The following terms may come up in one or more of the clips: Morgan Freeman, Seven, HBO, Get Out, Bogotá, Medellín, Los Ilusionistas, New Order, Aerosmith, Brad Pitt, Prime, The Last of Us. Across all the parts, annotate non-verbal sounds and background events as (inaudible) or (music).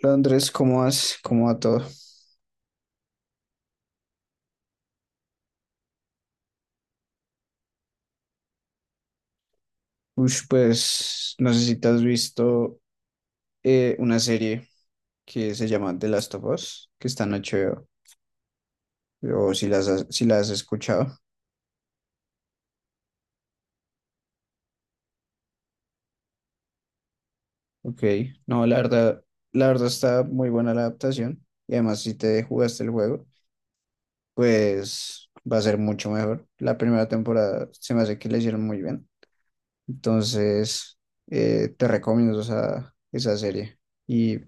Hola, Andrés, ¿cómo vas? ¿Cómo va todo? Ush, pues no sé si te has visto una serie que se llama The Last of Us, que está en HBO, o si las has, si la has escuchado. Ok, no, la verdad está muy buena la adaptación y además si te jugaste el juego, pues va a ser mucho mejor. La primera temporada se me hace que la hicieron muy bien, entonces te recomiendo esa, esa serie y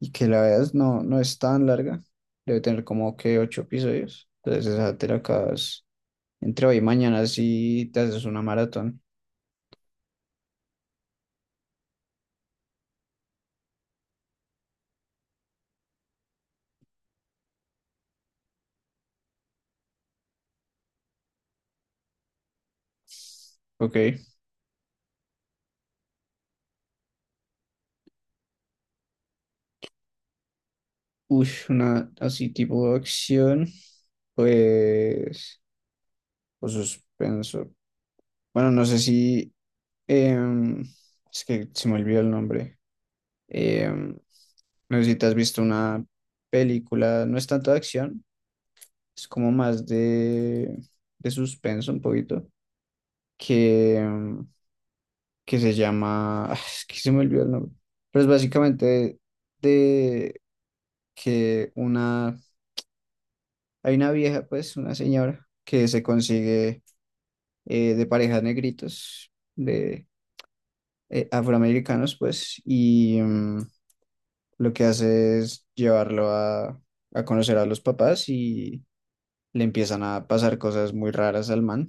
y que la veas no, no es tan larga, debe tener como que ocho episodios, entonces esa te la acabas entre hoy y mañana si te haces una maratón, ok, uy, una así tipo de acción, pues, o suspenso, bueno, no sé si, em, es que se me olvidó el nombre. Em, no sé si te has visto una película, no es tanto de acción, es como más de suspenso un poquito, que que se llama, (sighs) es que se me olvidó el nombre, pero es básicamente de que una, hay una vieja, pues, una señora que se consigue de parejas negritos, de afroamericanos, pues, y lo que hace es llevarlo a conocer a los papás y le empiezan a pasar cosas muy raras al man,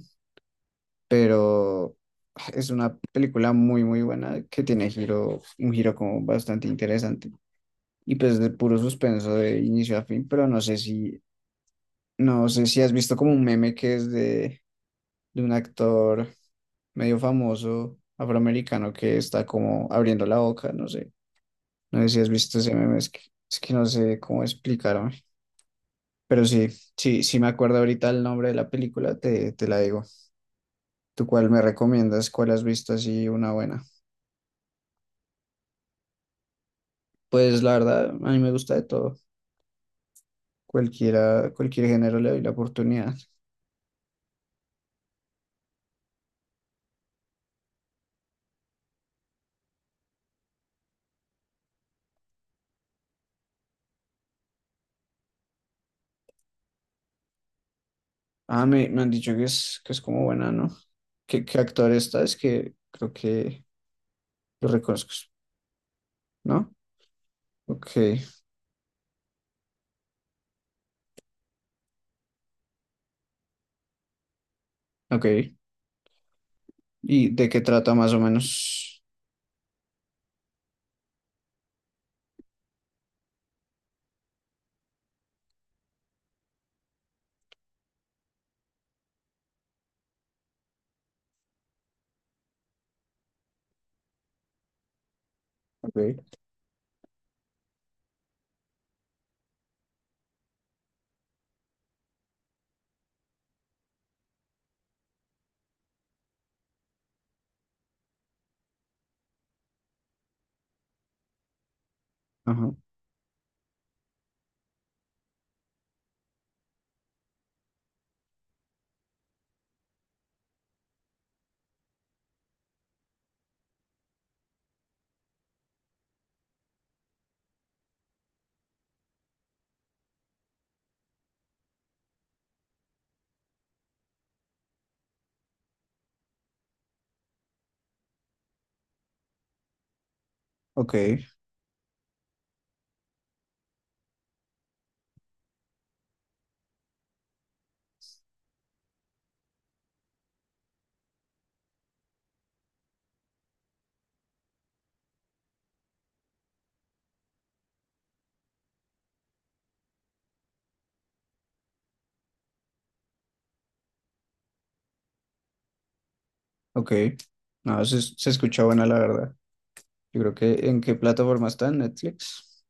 pero... (sighs) Es una película muy, muy buena que tiene giro, un giro como bastante interesante. Y pues de puro suspenso de inicio a fin, pero no sé si, no sé si has visto como un meme que es de un actor medio famoso afroamericano que está como abriendo la boca, no sé, no sé si has visto ese meme, es que no sé cómo explicarme, pero sí, sí, sí me acuerdo ahorita el nombre de la película, te la digo. ¿Tú cuál me recomiendas? ¿Cuál has visto así una buena? Pues la verdad, a mí me gusta de todo. Cualquiera, cualquier género le doy la oportunidad. Ah, me han dicho que es como buena, ¿no? ¿Qué, qué actor está? Es que creo que lo reconozco, ¿no? Ok, ok. ¿Y de qué trata más o menos? Ok, ajá, ok, ok. No, se escucha buena, la verdad. Yo creo que ¿en qué plataforma está? ¿En Netflix?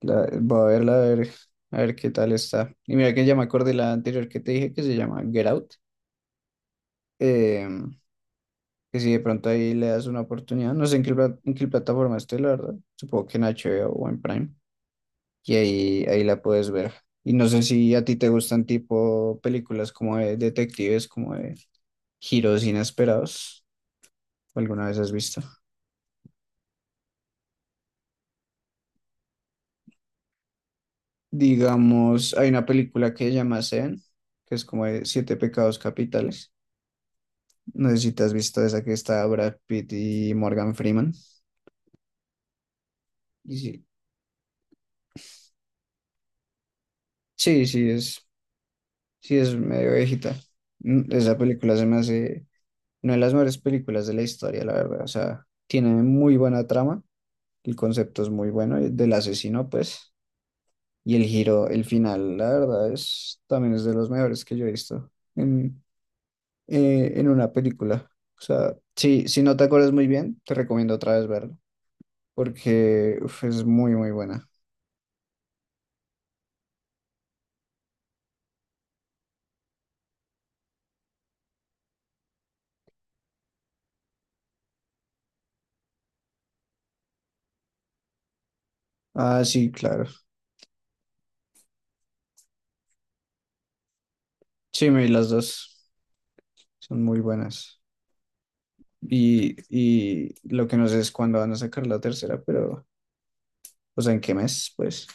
La, voy a verla, a ver qué tal está. Y mira que ya me acordé la anterior que te dije que se llama Get Out. Em, que si de pronto ahí le das una oportunidad, no sé en qué, pla- en qué plataforma esté, la verdad, supongo que en HBO o en Prime, y ahí, ahí la puedes ver. Y no sé si a ti te gustan tipo películas como de detectives, como de giros inesperados, o alguna vez has visto. Digamos, hay una película que se llama Seven, que es como de Siete Pecados Capitales. No sé si te has visto esa que está Brad Pitt y Morgan Freeman. Y sí, sí, sí es medio viejita. Esa película se me hace no de las mejores películas de la historia, la verdad. O sea, tiene muy buena trama, el concepto es muy bueno, y del asesino, pues, y el giro, el final, la verdad, es también es de los mejores que yo he visto en, en una película. O sea, sí, si no te acuerdas muy bien, te recomiendo otra vez verlo, porque uf, es muy, muy buena. Ah, sí, claro. Sí, me vi las dos, son muy buenas. Y lo que no sé es cuándo van a sacar la tercera, pero, o sea, ¿en qué mes? Pues.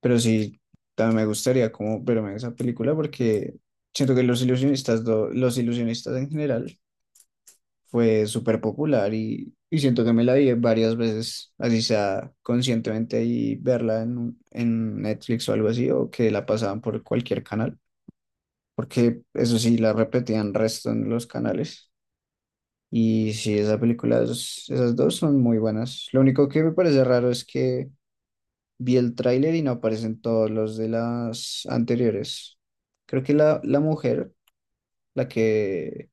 Pero sí, también me gustaría como verme en esa película porque siento que Los Ilusionistas, do- Los Ilusionistas en general fue súper popular y siento que me la vi varias veces, así sea conscientemente y verla en, un- en Netflix o algo así, o que la pasaban por cualquier canal, porque eso sí, la repetían resto en los canales. Y sí, esa película, es- esas dos son muy buenas. Lo único que me parece raro es que vi el tráiler y no aparecen todos los de las anteriores. Creo que la mujer, la que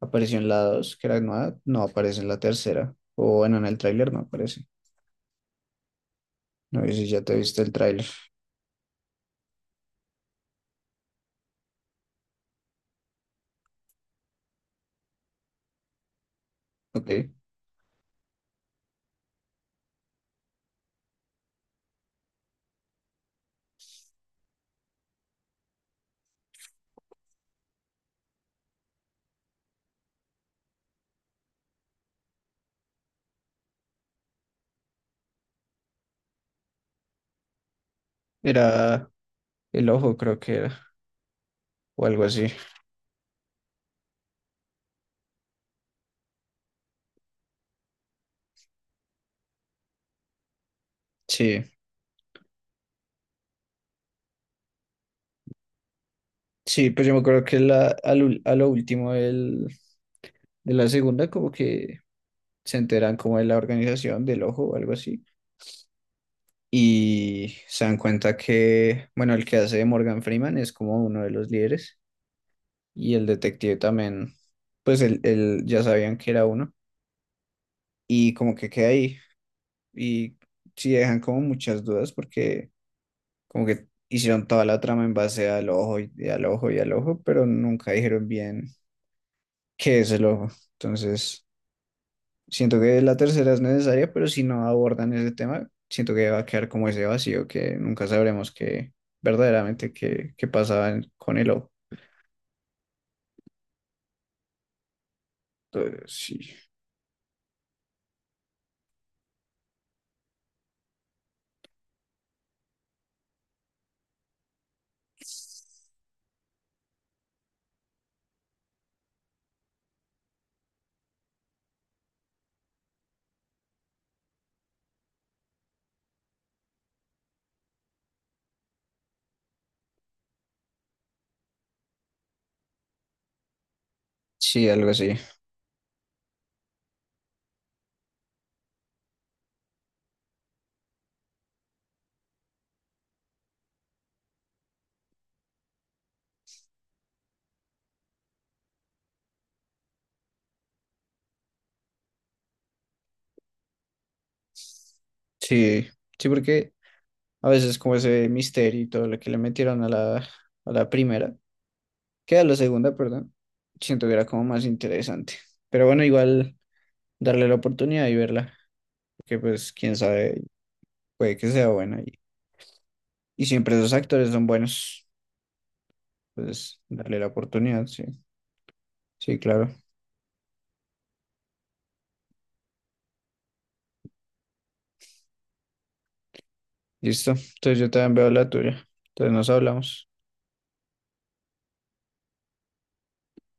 apareció en la 2, que era nueva, no aparece en la tercera. O bueno, en el tráiler no aparece. No sé si ya te viste el tráiler. Ok. Era el ojo, creo que era. O algo así. Sí. Sí, pues yo me acuerdo que la, a lo último del- de la segunda, como que se enteran como de la organización del ojo o algo así. Y se dan cuenta que, bueno, el que hace de Morgan Freeman es como uno de los líderes y el detective también, pues él ya sabían que era uno y como que queda ahí y sí dejan como muchas dudas porque como que hicieron toda la trama en base al ojo y al ojo, pero nunca dijeron bien qué es el ojo. Entonces siento que la tercera es necesaria, pero si no abordan ese tema, siento que va a quedar como ese vacío que nunca sabremos que verdaderamente qué, qué pasaba en- con el O. Entonces, sí, sí, algo así. Sí, sí, porque a veces como ese misterio y todo lo que le metieron a la primera, que a la segunda, perdón, siento que era como más interesante. Pero bueno, igual darle la oportunidad y verla, que pues quién sabe, puede que sea buena y siempre esos actores son buenos. Pues darle la oportunidad, sí. Sí, claro. Listo. Entonces yo también veo la tuya. Entonces nos hablamos.